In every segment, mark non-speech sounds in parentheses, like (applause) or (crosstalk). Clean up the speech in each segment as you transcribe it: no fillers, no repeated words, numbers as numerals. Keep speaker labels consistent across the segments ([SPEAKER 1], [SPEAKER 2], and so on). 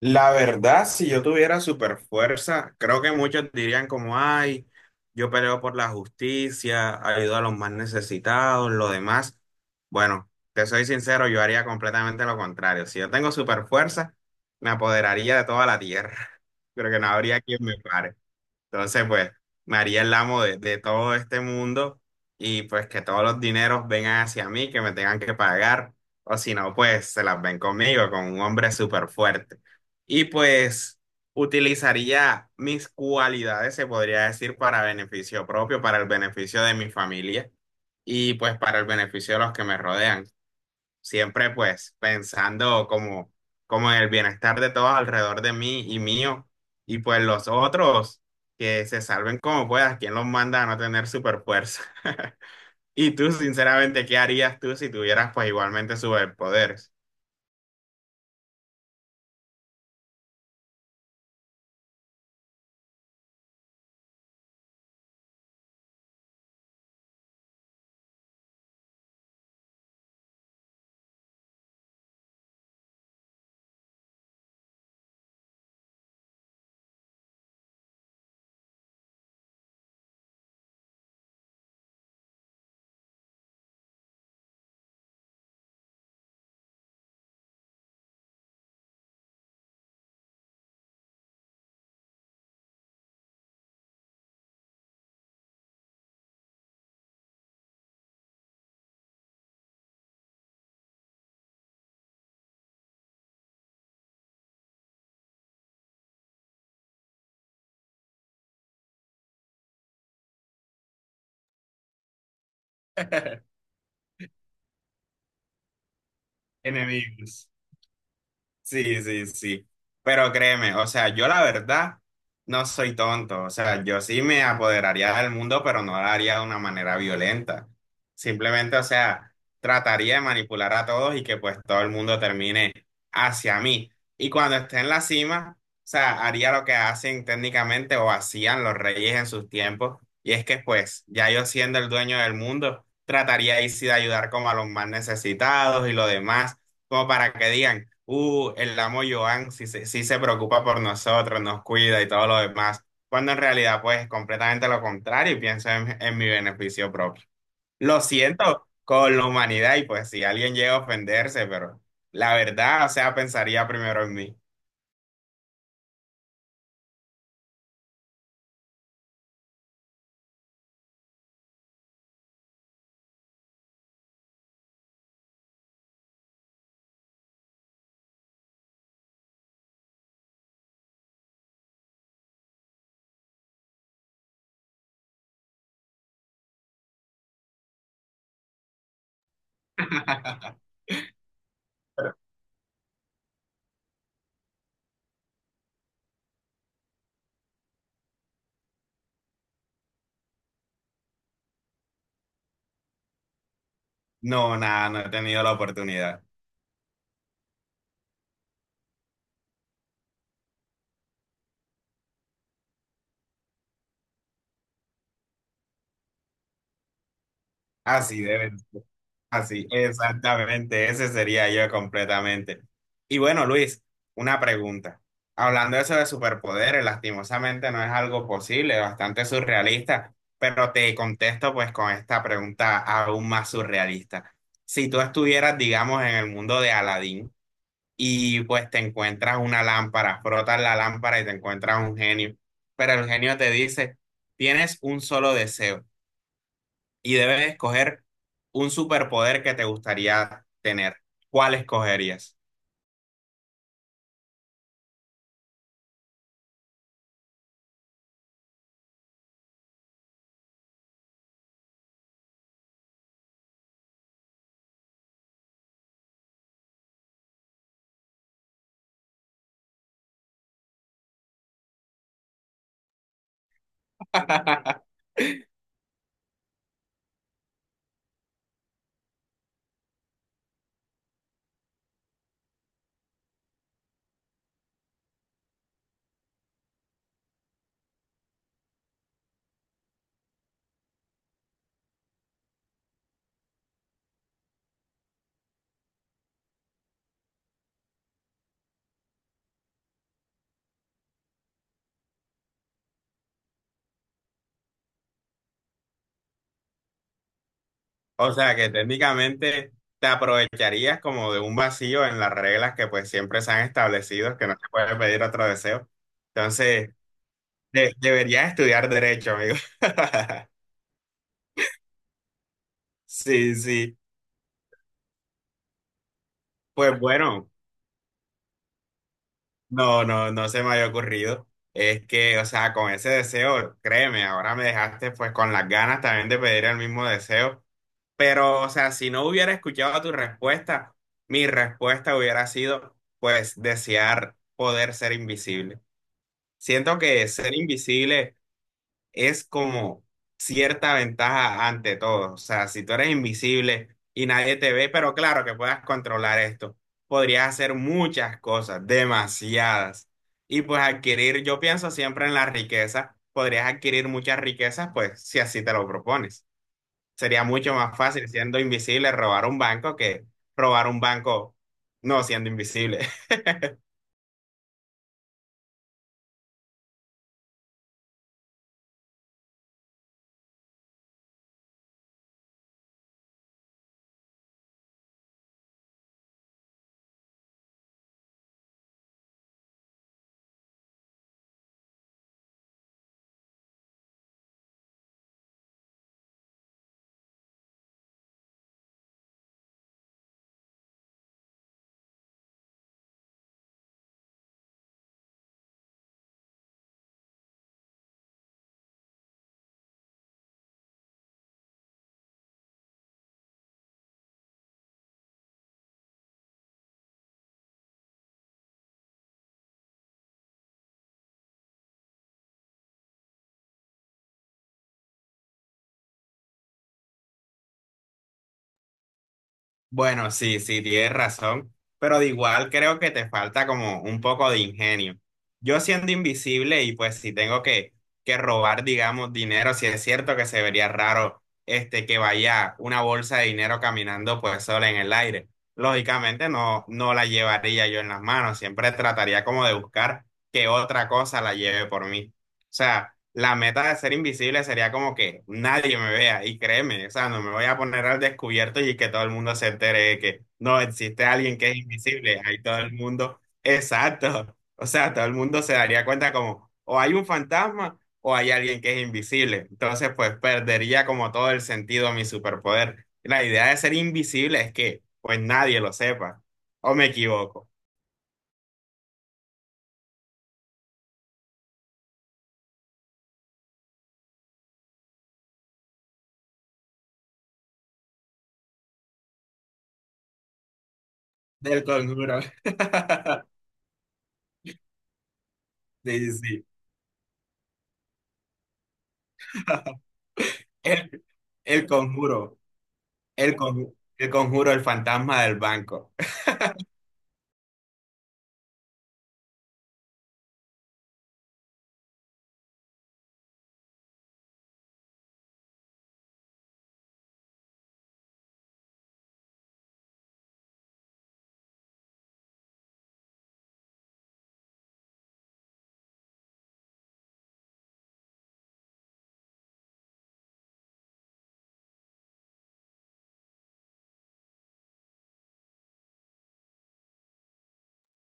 [SPEAKER 1] La verdad, si yo tuviera super fuerza, creo que muchos dirían como, ay, yo peleo por la justicia, ayudo a los más necesitados, lo demás. Bueno, te soy sincero, yo haría completamente lo contrario. Si yo tengo super fuerza, me apoderaría de toda la tierra. (laughs) Creo que no habría quien me pare. Entonces, pues, me haría el amo de todo este mundo y pues que todos los dineros vengan hacia mí, que me tengan que pagar, o si no, pues se las ven conmigo, con un hombre súper fuerte. Y pues utilizaría mis cualidades, se podría decir, para beneficio propio, para el beneficio de mi familia y pues para el beneficio de los que me rodean siempre pues pensando como, como en el bienestar de todos alrededor de mí y mío, y pues los otros que se salven como puedas, ¿quién los manda a no tener super fuerza? (laughs) Y tú, sinceramente, ¿qué harías tú si tuvieras pues igualmente superpoderes? (laughs) Enemigos. Sí, sí, sí. Pero créeme, o sea, yo la verdad no soy tonto. O sea, yo sí me apoderaría del mundo, pero no lo haría de una manera violenta. Simplemente, o sea, trataría de manipular a todos y que pues todo el mundo termine hacia mí. Y cuando esté en la cima, o sea, haría lo que hacen técnicamente o hacían los reyes en sus tiempos. Y es que pues, ya yo siendo el dueño del mundo, trataría ahí sí de ayudar como a los más necesitados y lo demás, como para que digan. El amo Joan sí se preocupa por nosotros, nos cuida y todo lo demás, cuando en realidad pues es completamente lo contrario y pienso en mi beneficio propio. Lo siento con la humanidad y pues si alguien llega a ofenderse, pero la verdad, o sea, pensaría primero en mí. (laughs) No, nada, no he tenido la oportunidad. Así debe. Así, exactamente, ese sería yo completamente. Y bueno, Luis, una pregunta. Hablando de eso de superpoderes, lastimosamente no es algo posible, bastante surrealista, pero te contesto pues con esta pregunta aún más surrealista. Si tú estuvieras, digamos, en el mundo de Aladín y pues te encuentras una lámpara, frotas la lámpara y te encuentras un genio, pero el genio te dice, tienes un solo deseo y debes escoger un superpoder que te gustaría tener. ¿Cuál escogerías? (laughs) O sea que técnicamente te aprovecharías como de un vacío en las reglas que pues siempre se han establecido, que no se puede pedir otro deseo. Entonces, deberías estudiar derecho, amigo. (laughs) Sí, sí. Pues bueno, no se me había ocurrido. Es que, o sea, con ese deseo, créeme, ahora me dejaste pues con las ganas también de pedir el mismo deseo. Pero, o sea, si no hubiera escuchado tu respuesta, mi respuesta hubiera sido, pues, desear poder ser invisible. Siento que ser invisible es como cierta ventaja ante todo. O sea, si tú eres invisible y nadie te ve, pero claro que puedas controlar esto, podrías hacer muchas cosas, demasiadas. Y pues adquirir, yo pienso siempre en la riqueza, podrías adquirir muchas riquezas, pues, si así te lo propones. Sería mucho más fácil siendo invisible robar un banco que robar un banco no siendo invisible. (laughs) Bueno, sí, sí, tienes razón, pero de igual creo que te falta como un poco de ingenio. Yo siendo invisible y pues si tengo que robar, digamos, dinero, si es cierto que se vería raro este que vaya una bolsa de dinero caminando pues sola en el aire. Lógicamente no, no la llevaría yo en las manos, siempre trataría como de buscar que otra cosa la lleve por mí. O sea, la meta de ser invisible sería como que nadie me vea y créeme, o sea, no me voy a poner al descubierto y que todo el mundo se entere de que no existe alguien que es invisible, ahí todo el mundo, exacto, o sea, todo el mundo se daría cuenta como o hay un fantasma o hay alguien que es invisible, entonces pues perdería como todo el sentido a mi superpoder. La idea de ser invisible es que pues nadie lo sepa, o me equivoco. Del conjuro. (laughs) Sí, sí. (laughs) El El conjuro, el conjuro, el fantasma del banco. (laughs)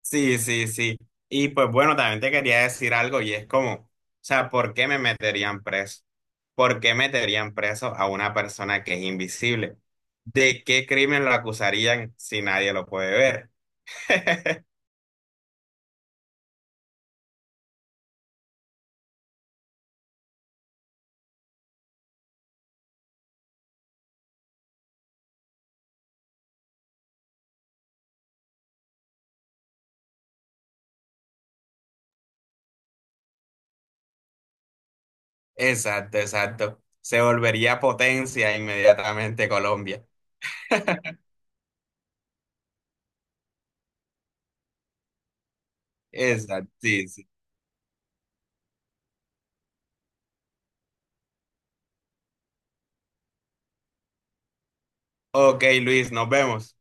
[SPEAKER 1] Sí, sí, sí. Y pues bueno, también te quería decir algo y es como, o sea, ¿por qué me meterían preso? ¿Por qué meterían preso a una persona que es invisible? ¿De qué crimen lo acusarían si nadie lo puede ver? (laughs) Exacto, exacto. Se volvería potencia inmediatamente Colombia. Exacto, sí, sí. Ok, Luis, nos vemos.